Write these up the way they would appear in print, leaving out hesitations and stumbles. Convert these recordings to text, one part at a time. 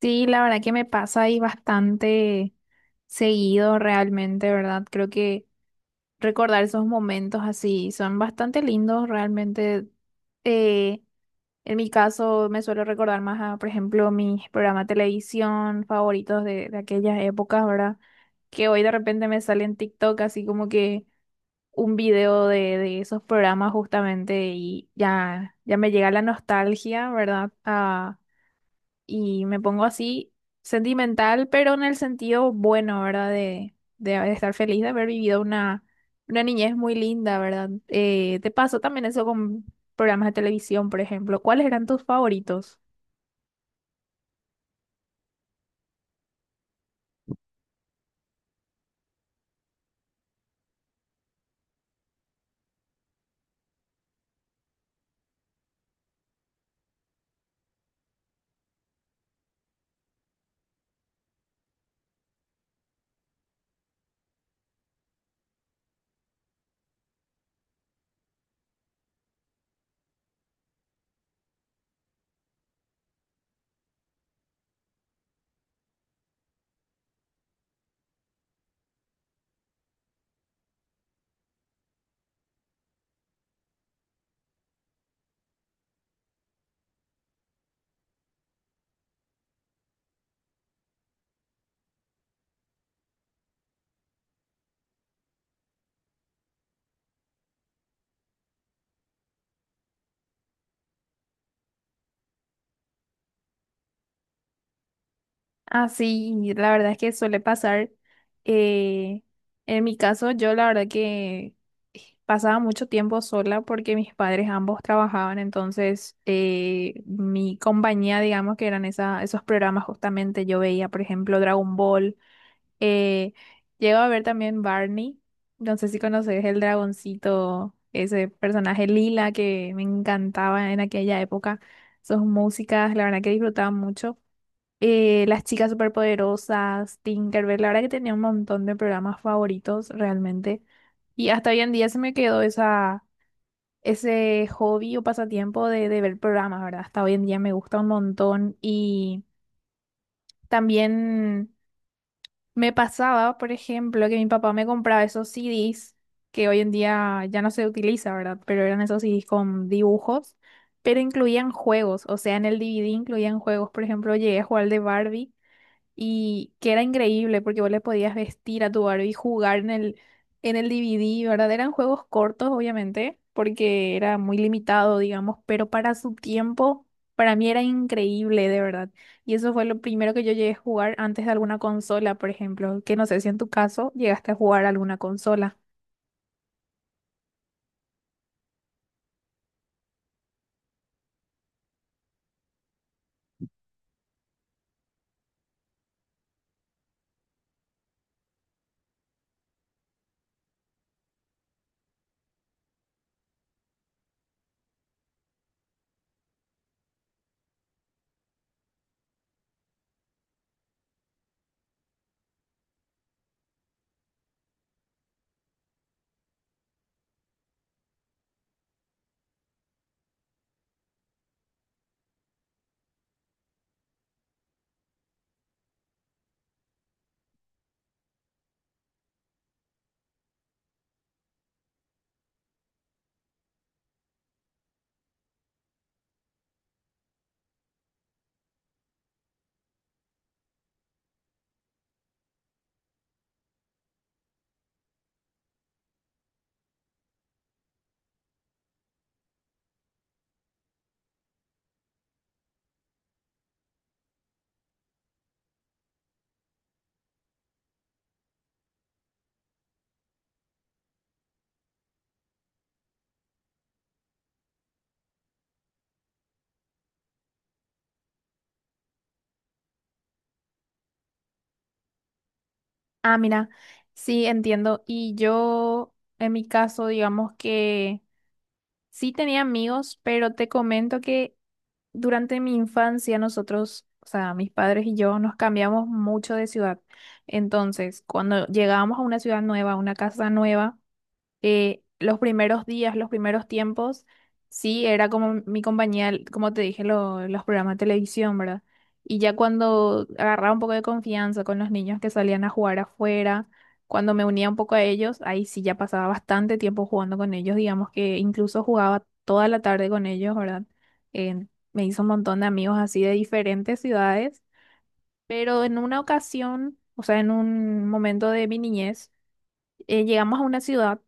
Sí, la verdad que me pasa ahí bastante seguido realmente, ¿verdad? Creo que recordar esos momentos así son bastante lindos realmente. Eh, en mi caso me suelo recordar más a, por ejemplo, mis programas de televisión favoritos de aquellas épocas, ¿verdad? Que hoy de repente me sale en TikTok así como que un video de esos programas justamente y ya me llega la nostalgia, ¿verdad? Y me pongo así sentimental, pero en el sentido bueno, ¿verdad? De estar feliz de haber vivido una niñez muy linda, ¿verdad? ¿Te pasó también eso con programas de televisión, por ejemplo? ¿Cuáles eran tus favoritos? Ah, sí, la verdad es que suele pasar. eh, en mi caso, yo la verdad que pasaba mucho tiempo sola porque mis padres ambos trabajaban, entonces mi compañía, digamos que esos programas justamente, yo veía, por ejemplo, Dragon Ball, eh, llego a ver también Barney, no sé si conoces el dragoncito, ese personaje lila que me encantaba en aquella época, sus músicas, la verdad que disfrutaba mucho, Las chicas superpoderosas, Tinkerbell, la verdad que tenía un montón de programas favoritos realmente. Y hasta hoy en día se me quedó ese hobby o pasatiempo de ver programas, ¿verdad? Hasta hoy en día me gusta un montón. Y también me pasaba, por ejemplo, que mi papá me compraba esos CDs que hoy en día ya no se utiliza, ¿verdad? Pero eran esos CDs con dibujos, pero incluían juegos. O sea, en el DVD incluían juegos. Por ejemplo, llegué a jugar al de Barbie y que era increíble porque vos le podías vestir a tu Barbie y jugar en el DVD, ¿verdad? Eran juegos cortos, obviamente, porque era muy limitado, digamos, pero para su tiempo, para mí era increíble, de verdad. Y eso fue lo primero que yo llegué a jugar antes de alguna consola, por ejemplo, que no sé si en tu caso llegaste a jugar alguna consola. Ah, mira, sí, entiendo. Y yo, en mi caso, digamos que sí tenía amigos, pero te comento que durante mi infancia nosotros, o sea, mis padres y yo nos cambiamos mucho de ciudad. Entonces, cuando llegábamos a una ciudad nueva, a una casa nueva, los primeros días, los primeros tiempos, sí, era como mi compañía, como te dije, los programas de televisión, ¿verdad? Y ya cuando agarraba un poco de confianza con los niños que salían a jugar afuera, cuando me unía un poco a ellos, ahí sí ya pasaba bastante tiempo jugando con ellos, digamos que incluso jugaba toda la tarde con ellos, ¿verdad? Eh, Me hizo un montón de amigos así de diferentes ciudades, pero en una ocasión, o sea, en un momento de mi niñez, llegamos a una ciudad,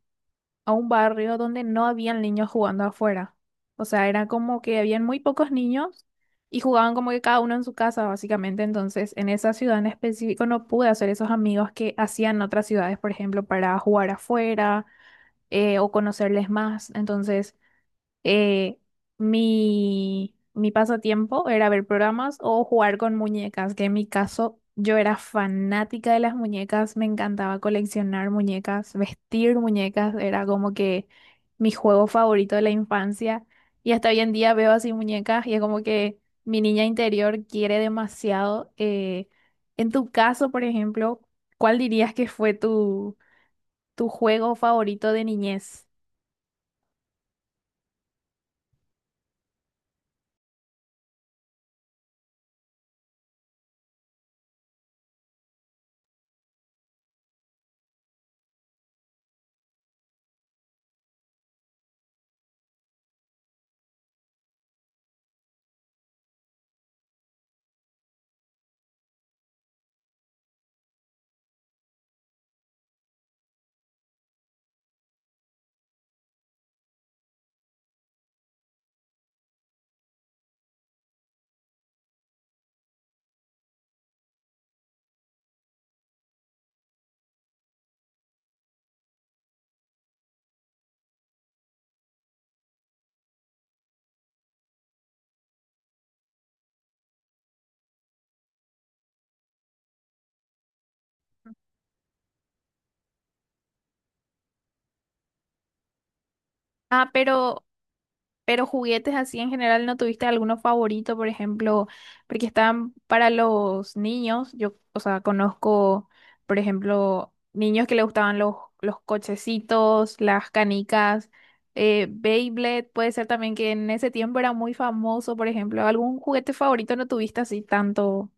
a un barrio donde no habían niños jugando afuera. O sea, era como que habían muy pocos niños y jugaban como que cada uno en su casa, básicamente. Entonces, en esa ciudad en específico no pude hacer esos amigos que hacían en otras ciudades, por ejemplo, para jugar afuera, o conocerles más. Entonces, eh, mi pasatiempo era ver programas o jugar con muñecas, que en mi caso yo era fanática de las muñecas, me encantaba coleccionar muñecas, vestir muñecas, era como que mi juego favorito de la infancia y hasta hoy en día veo así muñecas y es como que mi niña interior quiere demasiado. En tu caso, por ejemplo, ¿cuál dirías que fue tu juego favorito de niñez? Ah, pero Pero juguetes así en general, ¿no tuviste alguno favorito, por ejemplo? Porque están para los niños. Yo, o sea, conozco, por ejemplo, niños que le gustaban los cochecitos, las canicas, Beyblade. Puede ser también que en ese tiempo era muy famoso, por ejemplo. ¿Algún juguete favorito no tuviste así tanto?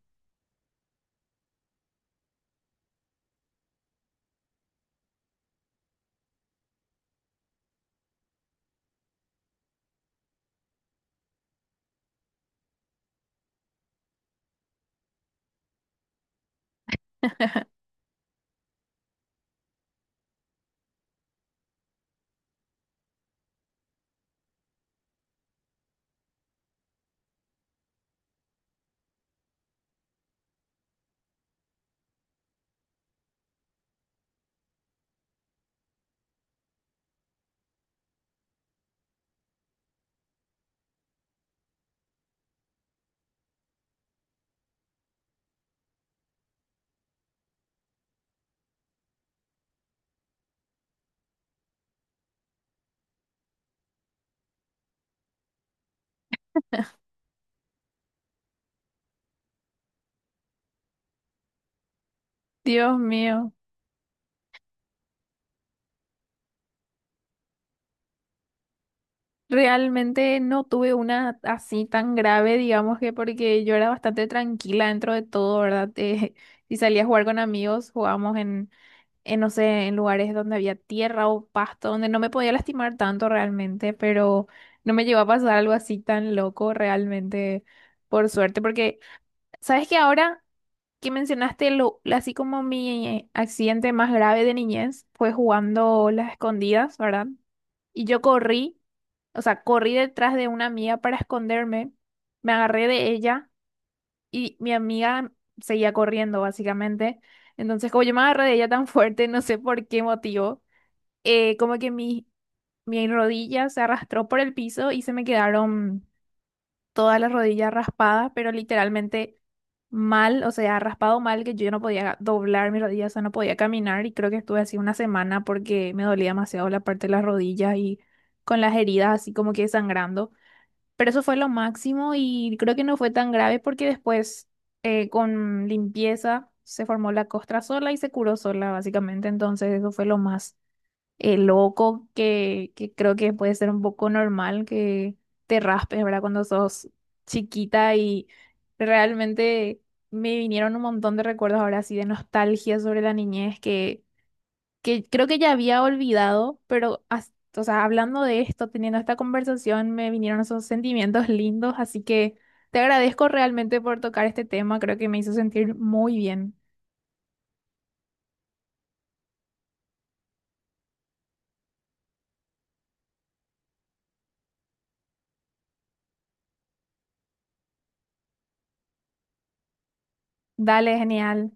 Dios mío. Realmente no tuve una así tan grave, digamos que porque yo era bastante tranquila dentro de todo, ¿verdad? Si salía a jugar con amigos, jugábamos no sé, en lugares donde había tierra o pasto, donde no me podía lastimar tanto realmente, pero no me llegó a pasar algo así tan loco realmente, por suerte. Porque ¿Sabes que ahora que mencionaste lo, así como mi accidente más grave de niñez fue jugando las escondidas, ¿verdad? Y yo corrí, o sea, corrí detrás de una amiga para esconderme, me agarré de ella y mi amiga seguía corriendo, básicamente. Entonces, como yo me agarré de ella tan fuerte, no sé por qué motivo, como que mi rodilla se arrastró por el piso y se me quedaron toda la rodilla raspada, pero literalmente mal, o sea, raspado mal que yo no podía doblar mi rodilla, o sea, no podía caminar y creo que estuve así una semana porque me dolía demasiado la parte de las rodillas y con las heridas así como que sangrando. Pero eso fue lo máximo y creo que no fue tan grave porque después, con limpieza se formó la costra sola y se curó sola, básicamente. Entonces eso fue lo más, loco, que creo que puede ser un poco normal que te raspes, ¿verdad? Cuando sos chiquita y realmente me vinieron un montón de recuerdos ahora así de nostalgia sobre la niñez que creo que ya había olvidado, pero o sea, hablando de esto, teniendo esta conversación, me vinieron esos sentimientos lindos, así que te agradezco realmente por tocar este tema, creo que me hizo sentir muy bien. Dale, genial.